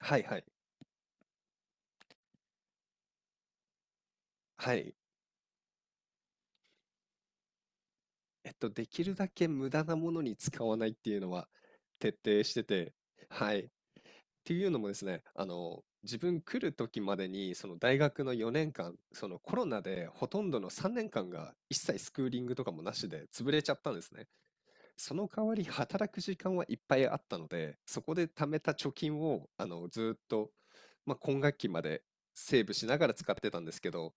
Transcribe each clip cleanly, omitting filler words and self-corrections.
はいはい。はい。できるだけ無駄なものに使わないっていうのは徹底してて、はい。っていうのもですね、自分来る時までに、その大学の4年間、そのコロナでほとんどの3年間が一切スクーリングとかもなしで潰れちゃったんですね。その代わり働く時間はいっぱいあったので、そこで貯めた貯金を、ずーっと、まあ、今学期までセーブしながら使ってたんですけど、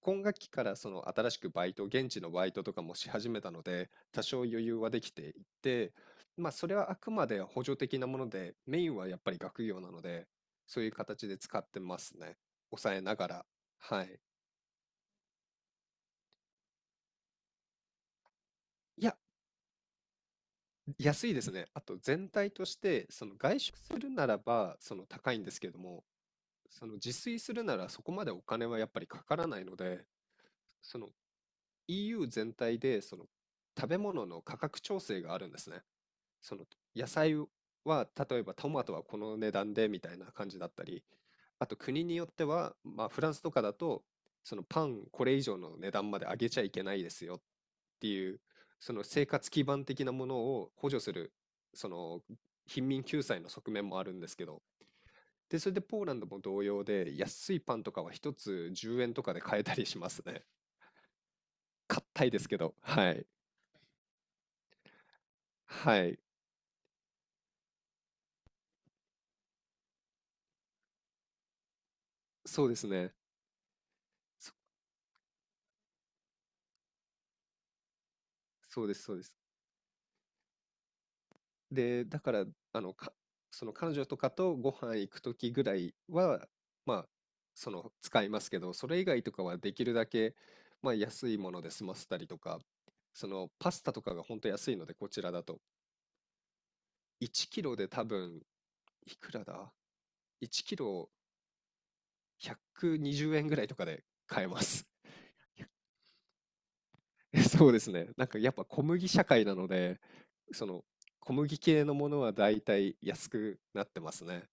今学期からその新しくバイト、現地のバイトとかもし始めたので、多少余裕はできていて、まあそれはあくまで補助的なもので、メインはやっぱり学業なので、そういう形で使ってますね。抑えながら。はい。いや、安いですね。あと全体として、その外食するならば、その高いんですけども、その自炊するならそこまでお金はやっぱりかからないので、その EU 全体でその食べ物の価格調整があるんですね。その野菜は例えばトマトはこの値段でみたいな感じだったり、あと国によっては、まあ、フランスとかだとそのパンこれ以上の値段まで上げちゃいけないですよっていうその生活基盤的なものを補助するその貧民救済の側面もあるんですけど、で、それでポーランドも同様で安いパンとかは一つ10円とかで買えたりしますね。硬いですけど、はい。はい。そうですね。そそうです、そうです。で、だから、あの、か、その彼女とかとご飯行くときぐらいは、まあ、その使いますけど、それ以外とかはできるだけ、まあ、安いもので済ませたりとか、そのパスタとかが本当安いので、こちらだと。1キロで多分、いくらだ ?1 キロ120円ぐらいとかで買えます。そうですね。なんかやっぱ小麦社会なので、その小麦系のものはだいたい安くなってますね。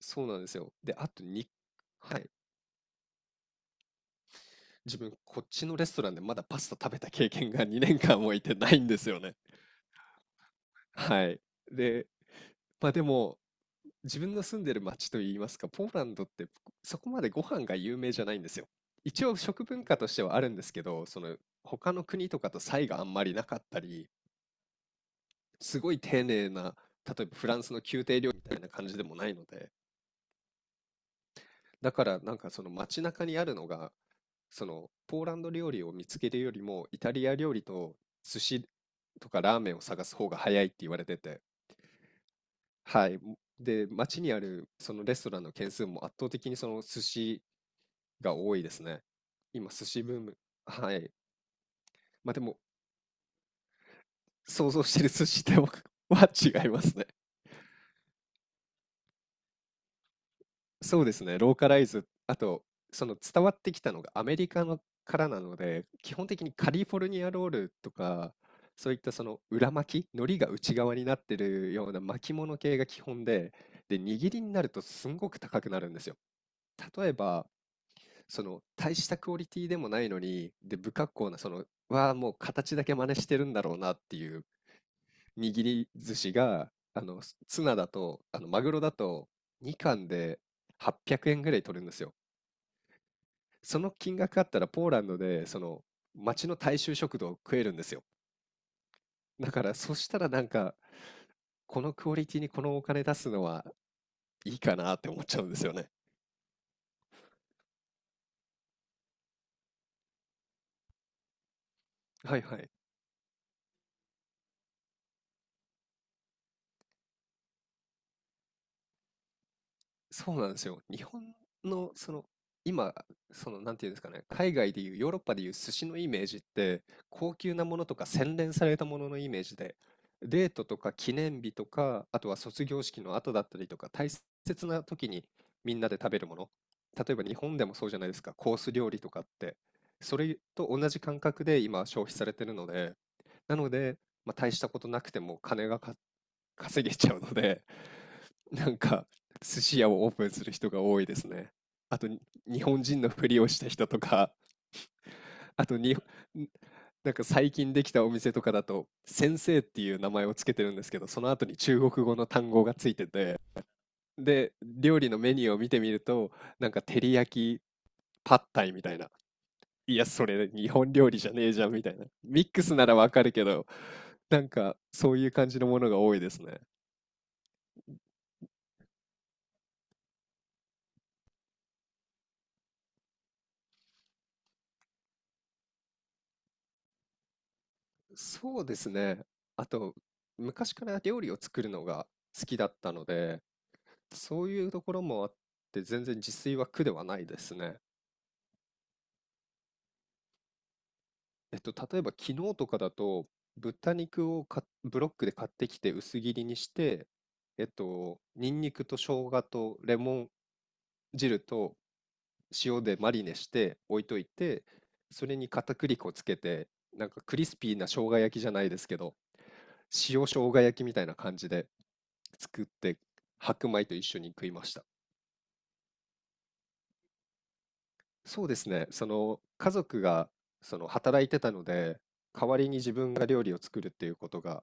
そうなんですよ。で、あとに、はい、自分、こっちのレストランでまだパスタ食べた経験が2年間もいてないんですよね。はい。で、まあでも、自分の住んでる町といいますか、ポーランドってそこまでご飯が有名じゃないんですよ。一応食文化としてはあるんですけど、その他の国とかと差異があんまりなかったり、すごい丁寧な、例えばフランスの宮廷料理みたいな感じでもないので、だからなんかその街中にあるのがそのポーランド料理を見つけるよりもイタリア料理と寿司とかラーメンを探す方が早いって言われてて、はい。で、街にあるそのレストランの件数も圧倒的にその寿司が多いですね。今、寿司ブーム。はい。まあでも、想像してる寿司とは 違いますね。そうですね、ローカライズ、あと、その伝わってきたのがアメリカのからなので、基本的にカリフォルニアロールとか、そういったその裏巻き、海苔が内側になってるような巻物系が基本で、で、握りになるとすんごく高くなるんですよ。例えば、その大したクオリティでもないのに、で、不格好な、その、わあ、もう形だけ真似してるんだろうなっていう握り寿司が、ツナだと、マグロだと、2貫で800円ぐらい取るんですよ。その金額あったら、ポーランドで、その、町の大衆食堂を食えるんですよ。だから、そしたらなんか、このクオリティにこのお金出すのはいいかなって思っちゃうんですよね。はいはい。そうなんですよ。日本のその今そのなんていうんですかね、海外でいうヨーロッパでいう寿司のイメージって高級なものとか洗練されたもののイメージで、デートとか記念日とかあとは卒業式の後だったりとか大切な時にみんなで食べるもの、例えば日本でもそうじゃないですか、コース料理とかって、それと同じ感覚で今消費されてるので、なので、まあ、大したことなくても金が稼げちゃうので、なんか寿司屋をオープンする人が多いですね。あとに日本人のふりをした人とか、あとに、なんか最近できたお店とかだと、先生っていう名前をつけてるんですけど、その後に中国語の単語がついてて、で、料理のメニューを見てみると、なんか照り焼き、パッタイみたいな。いや、それ日本料理じゃねえじゃんみたいな。ミックスならわかるけど、なんかそういう感じのものが多いですね。そうですね。あと、昔から料理を作るのが好きだったので、そういうところもあって、全然自炊は苦ではないですね。例えば昨日とかだと、豚肉をブロックで買ってきて薄切りにして、ニンニクと生姜とレモン汁と塩でマリネして置いといて、それに片栗粉つけて、なんかクリスピーな生姜焼きじゃないですけど、塩生姜焼きみたいな感じで作って白米と一緒に食いました。そうですね。その家族がその働いてたので、代わりに自分が料理を作るっていうことが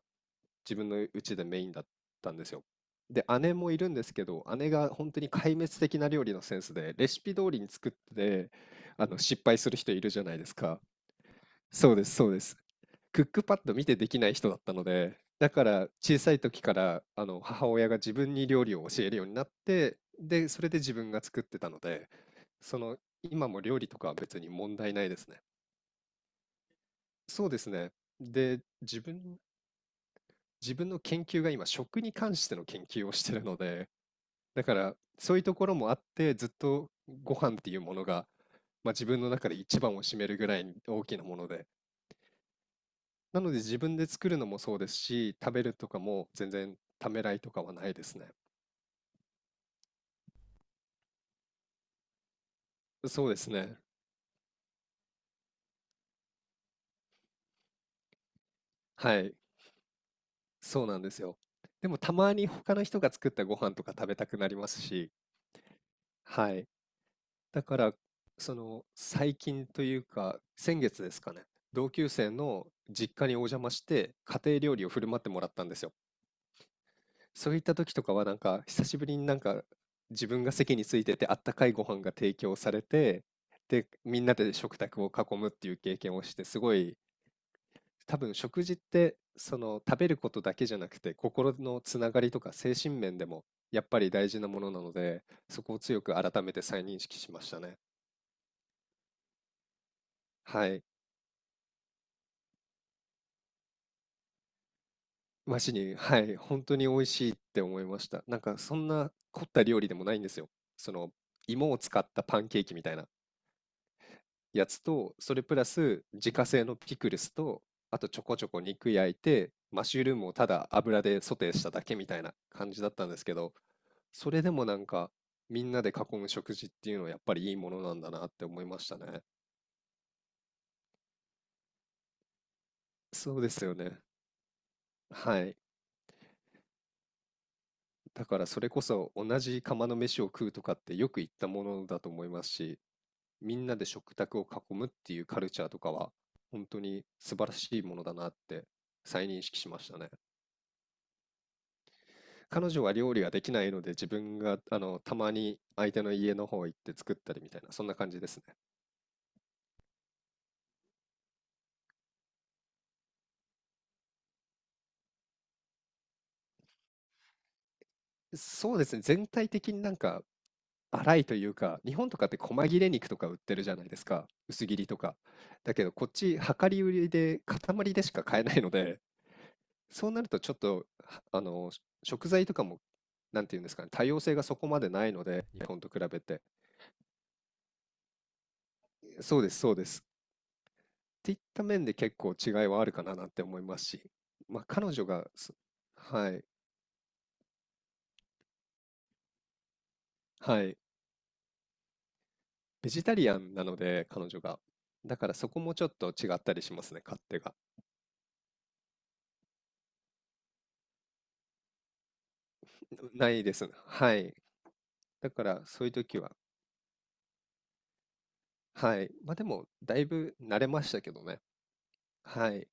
自分の家でメインだったんですよ。で、姉もいるんですけど、姉が本当に壊滅的な料理のセンスで、レシピ通りに作って、あの失敗する人いるじゃないですか。そうですそうです。クックパッド見てできない人だったので、だから小さい時からあの母親が自分に料理を教えるようになって、で、それで自分が作ってたので、その今も料理とかは別に問題ないですね。そうですね。で、自分の研究が今食に関しての研究をしてるので、だからそういうところもあってずっとご飯っていうものが、まあ、自分の中で一番を占めるぐらい大きなもので、なので自分で作るのもそうですし、食べるとかも全然ためらいとかはないですね。そうですね。はい。そうなんですよ。でもたまに他の人が作ったご飯とか食べたくなりますし、はい。だから、その最近というか、先月ですかね、同級生の実家にお邪魔して家庭料理を振る舞ってもらったんですよ。そういった時とかはなんか久しぶりに、なんか自分が席についててあったかいご飯が提供されて、でみんなで食卓を囲むっていう経験をしてすごい、多分食事ってその食べることだけじゃなくて心のつながりとか精神面でもやっぱり大事なものなので、そこを強く改めて再認識しましたね。はい。マジに、はい、本当に美味しいって思いました。なんかそんな凝った料理でもないんですよ。その芋を使ったパンケーキみたいな。やつと、それプラス自家製のピクルスと、あとちょこちょこ肉焼いて、マッシュルームをただ油でソテーしただけみたいな感じだったんですけど、それでもなんかみんなで囲む食事っていうのはやっぱりいいものなんだなって思いましたね。そうですよね。はい。だからそれこそ同じ釜の飯を食うとかってよく言ったものだと思いますし、みんなで食卓を囲むっていうカルチャーとかは本当に素晴らしいものだなって再認識しましたね。彼女は料理ができないので自分があのたまに相手の家の方行って作ったりみたいなそんな感じですね。そうですね、全体的になんか粗いというか、日本とかって細切れ肉とか売ってるじゃないですか、薄切りとか。だけどこっち量り売りで塊でしか買えないので、そうなるとちょっとはあの食材とかもなんていうんですかね、多様性がそこまでないので日本と比べて。そうですそうです。っていった面で結構違いはあるかななんて思いますし、まあ、彼女がそ、はい、はい、ベジタリアンなので、彼女が。だからそこもちょっと違ったりしますね、勝手が。ないですね、はい。だからそういう時は、はい。まあでも、だいぶ慣れましたけどね。はい。